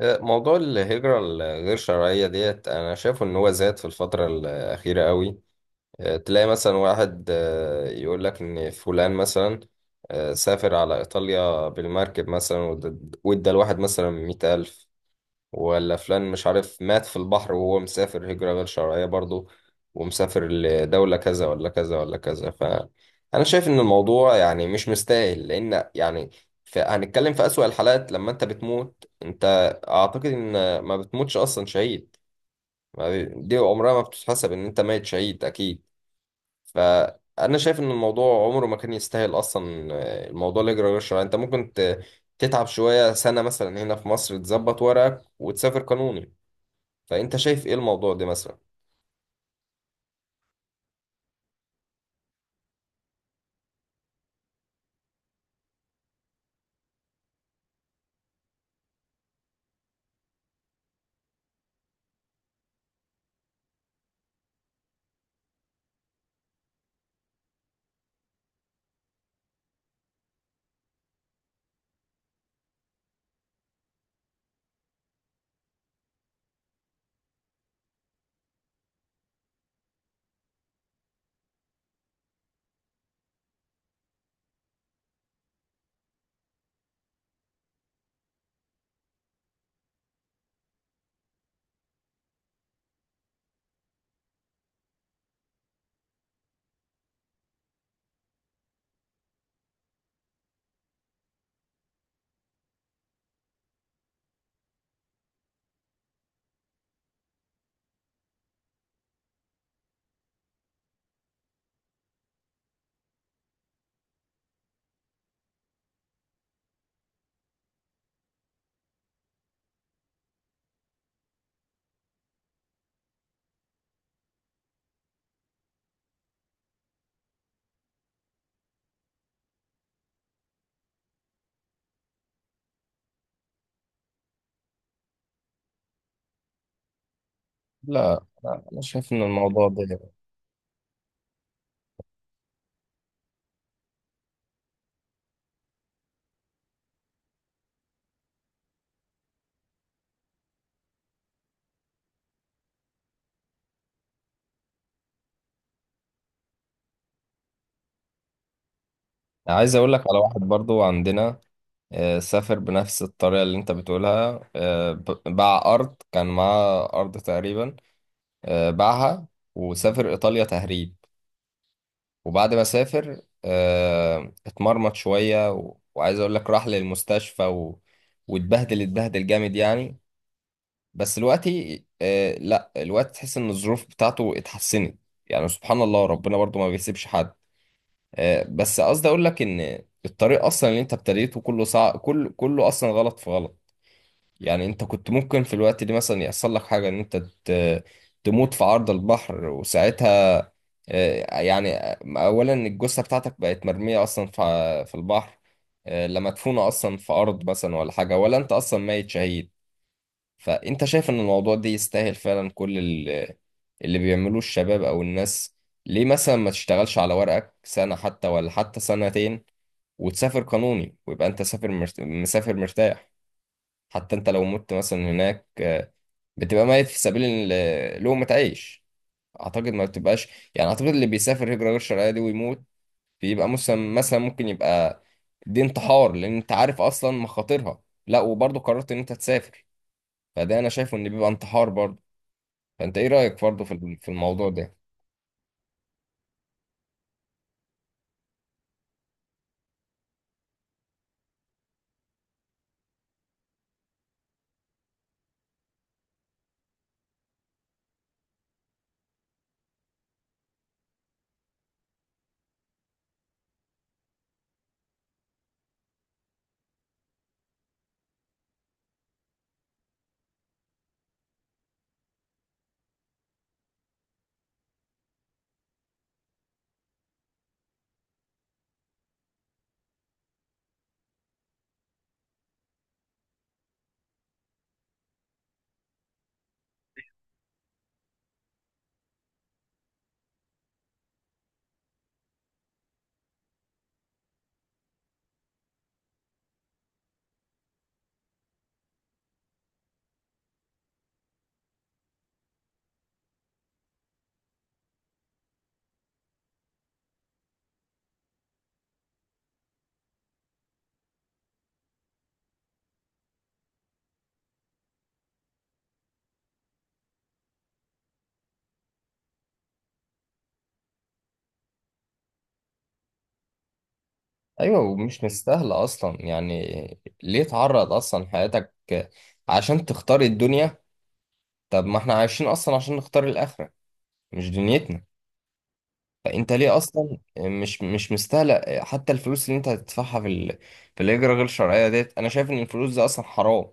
موضوع الهجرة الغير شرعية ديت أنا شايفه إن هو زاد في الفترة الأخيرة قوي. تلاقي مثلا واحد، يقول لك إن فلان مثلا سافر على إيطاليا بالمركب مثلا، وادى الواحد مثلا 100,000، ولا فلان مش عارف مات في البحر وهو مسافر هجرة غير شرعية برضه، ومسافر لدولة كذا ولا كذا ولا كذا. فأنا شايف إن الموضوع يعني مش مستاهل، لأن يعني هنتكلم في أسوأ الحالات. لما أنت بتموت، أنت أعتقد إن ما بتموتش أصلا شهيد. ما بي- دي عمرها ما بتتحسب إن أنت ميت شهيد أكيد. فأنا شايف إن الموضوع عمره ما كان يستاهل أصلا. الموضوع الهجرة غير شرعية، أنت ممكن تتعب شوية سنة مثلا هنا في مصر، تظبط ورقك وتسافر قانوني. فانت شايف ايه الموضوع ده مثلا؟ لا لا، انا شايف ان الموضوع ده يعني عايز اقول لك على واحد برضو عندنا، سافر بنفس الطريقه اللي انت بتقولها. باع ارض، كان معاه ارض تقريبا باعها، وسافر ايطاليا تهريب. وبعد ما سافر اتمرمط شويه، وعايز اقول لك راح للمستشفى واتبهدل اتبهدل جامد يعني. بس دلوقتي لا الوقت، تحس ان الظروف بتاعته اتحسنت. يعني سبحان الله، ربنا برضو ما بيسيبش حد. بس قصدي اقول لك ان الطريق اصلا اللي انت ابتديته كله صعب، كله اصلا غلط في غلط. يعني انت كنت ممكن في الوقت ده مثلا يحصل لك حاجه، ان انت ت- تموت في عرض البحر. وساعتها يعني اولا الجثه بتاعتك بقت مرميه اصلا في البحر، لا مدفونه اصلا في ارض مثلا ولا حاجه، ولا انت اصلا ميت شهيد. فانت شايف ان الموضوع ده يستاهل فعلا كل اللي بيعملوه الشباب او الناس؟ ليه مثلا ما تشتغلش على ورقك سنه حتى، ولا حتى سنتين، وتسافر قانوني ويبقى انت سافر مسافر مرتاح. حتى انت لو مت مثلا هناك، بتبقى ميت في سبيل لقمة عيش. اعتقد ما بتبقاش. يعني اعتقد اللي بيسافر هجرة غير شرعية دي ويموت، بيبقى مثلا ممكن يبقى دي انتحار، لان انت عارف اصلا مخاطرها، لا وبرضه قررت ان انت تسافر. فده انا شايفه ان بيبقى انتحار برضه. فانت ايه رأيك برضه في الموضوع ده؟ ايوه، ومش مستاهله اصلا. يعني ليه تعرض اصلا حياتك عشان تختار الدنيا؟ طب ما احنا عايشين اصلا عشان نختار الاخره، مش دنيتنا. فانت ليه اصلا مش مستاهله حتى الفلوس اللي انت هتدفعها في الهجره غير الشرعيه ديت. انا شايف ان الفلوس دي اصلا حرام.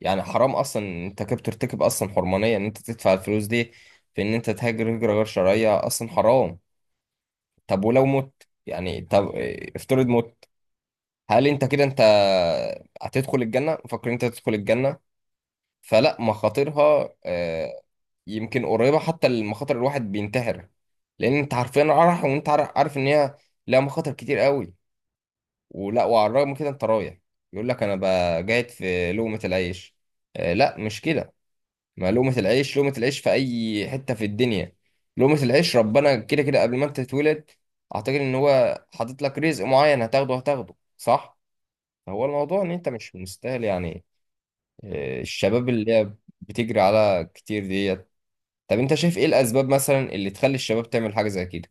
يعني حرام اصلا إن انت كده بترتكب اصلا حرمانيه، ان انت تدفع الفلوس دي في ان انت تهاجر هجره غير شرعيه اصلا حرام. طب ولو مت، يعني طب افترض مت، هل انت كده انت هتدخل الجنه؟ مفكر انت تدخل الجنه؟ فلا، مخاطرها يمكن قريبة حتى، المخاطر الواحد بينتحر. لأن أنت عارفين رايح، وأنت عارف إن هي لها مخاطر كتير قوي، وعلى الرغم من كده أنت رايح. يقول لك أنا قاعد في لقمة العيش. لا مش كده. ما لقمة العيش، لقمة العيش في أي حتة في الدنيا. لقمة العيش ربنا كده كده قبل ما أنت تتولد أعتقد إن هو حاطط لك رزق معين هتاخده هتاخده، صح؟ هو الموضوع إن أنت مش مستاهل يعني. الشباب اللي هي بتجري على كتير ديت. طب انت شايف ايه الاسباب مثلا اللي تخلي الشباب تعمل حاجه زي كده؟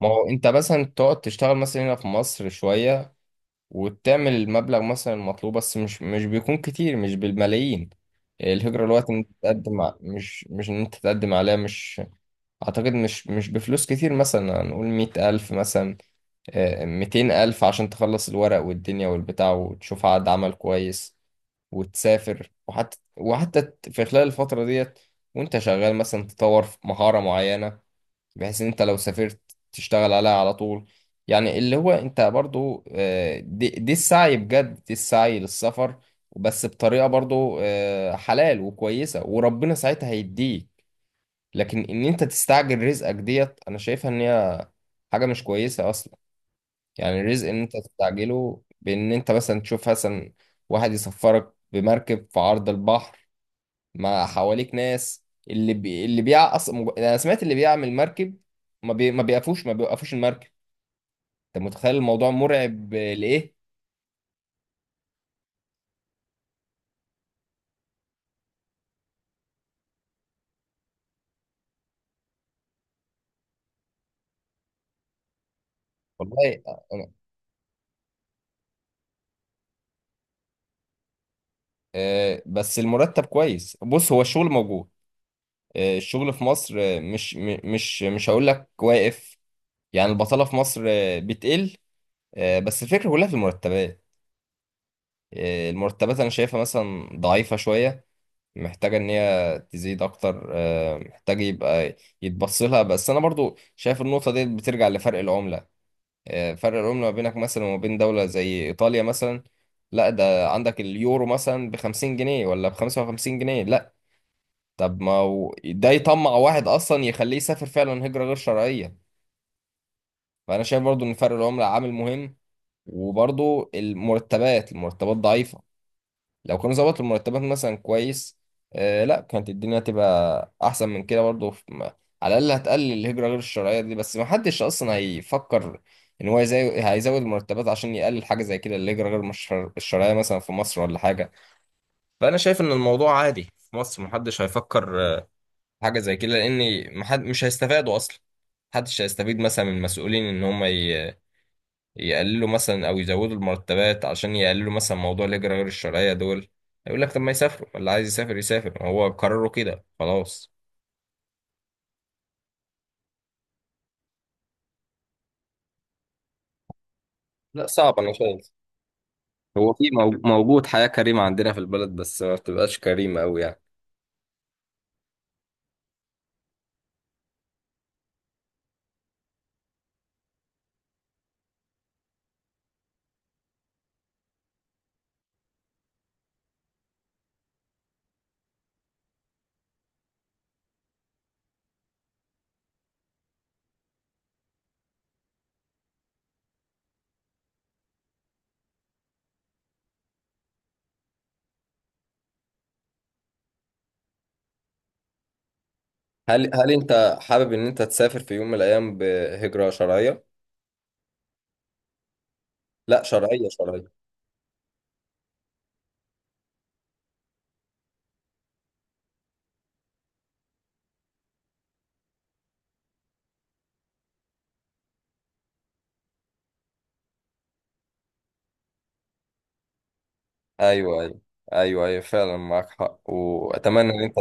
ما هو انت مثلا تقعد تشتغل مثلا هنا في مصر شويه، وتعمل المبلغ مثلا المطلوب. بس مش بيكون كتير، مش بالملايين. الهجره الوقت ان انت تقدم مش ان انت تقدم عليها مش اعتقد مش بفلوس كتير. مثلا هنقول 100,000 مثلا، 200,000 عشان تخلص الورق والدنيا والبتاع، وتشوف عقد عمل كويس وتسافر. وحتى في خلال الفترة ديت وانت شغال، مثلا تطور في مهارة معينة، بحيث ان انت لو سافرت تشتغل عليها على طول. يعني اللي هو انت برضو، دي السعي بجد، دي السعي للسفر، بس بطريقة برضو حلال وكويسة، وربنا ساعتها هيديك. لكن ان انت تستعجل رزقك ديت، انا شايفها ان هي حاجة مش كويسة اصلا. يعني الرزق ان انت تستعجله بان انت مثلا تشوف مثلا واحد يسفرك بمركب في عرض البحر، مع حواليك ناس اللي بي... اللي بيع أص... مج- انا سمعت اللي بيعمل مركب ما بي... ما بيقفوش ما بيوقفوش المركب. انت متخيل الموضوع مرعب لايه؟ والله، بس المرتب كويس. بص، هو الشغل موجود. الشغل في مصر مش م- مش مش هقول لك واقف. يعني البطالة في مصر بتقل. بس الفكرة كلها في المرتبات. المرتبات انا شايفها مثلا ضعيفة شوية، محتاجة ان هي تزيد اكتر. محتاج يبقى يتبص لها. بس انا برضو شايف النقطة دي بترجع لفرق العملة. فرق العملة ما بينك مثلا، وما بين دولة زي ايطاليا مثلا، لا ده عندك اليورو مثلا ب 50 جنيه ولا ب 55 جنيه، لا. طب ما هو ده يطمع واحد اصلا، يخليه يسافر فعلا هجرة غير شرعية. فانا شايف برضو ان فرق العملة عامل مهم، وبرضو المرتبات، المرتبات ضعيفة. لو كانوا ظبطوا المرتبات مثلا كويس، لا كانت الدنيا تبقى احسن من كده برضه على الاقل هتقلل الهجره غير الشرعيه دي. بس ما حدش اصلا هيفكر ان هو هيزود المرتبات عشان يقلل حاجه زي كده، الهجره غير مش الشرعيه مثلا في مصر ولا حاجه. فانا شايف ان الموضوع عادي في مصر، ما حدش هيفكر في حاجه زي كده، لان مش هيستفادوا اصلا. محدش هيستفيد مثلا من المسؤولين ان هم يقللوا مثلا او يزودوا المرتبات عشان يقللوا مثلا موضوع الهجرة غير الشرعية دول. يقول لك طب ما يسافروا، اللي عايز يسافر يسافر، هو قرروا كده خلاص. لا صعب، انا شايف هو في موجود حياة كريمة عندنا في البلد، بس ما بتبقاش كريمة أوي يعني. هل أنت حابب إن أنت تسافر في يوم من الأيام بهجرة شرعية؟ لا شرعية شرعية، أيوه أيوه، أيوه أيوه فعلا معاك حق. وأتمنى إن أنت،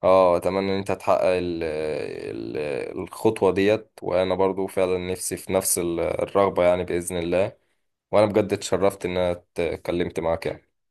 اه اتمنى ان انت تحقق ال الخطوة ديت، وانا برضو فعلا نفسي في نفس الرغبة يعني، بإذن الله. وانا بجد اتشرفت ان انا اتكلمت معاك يعني.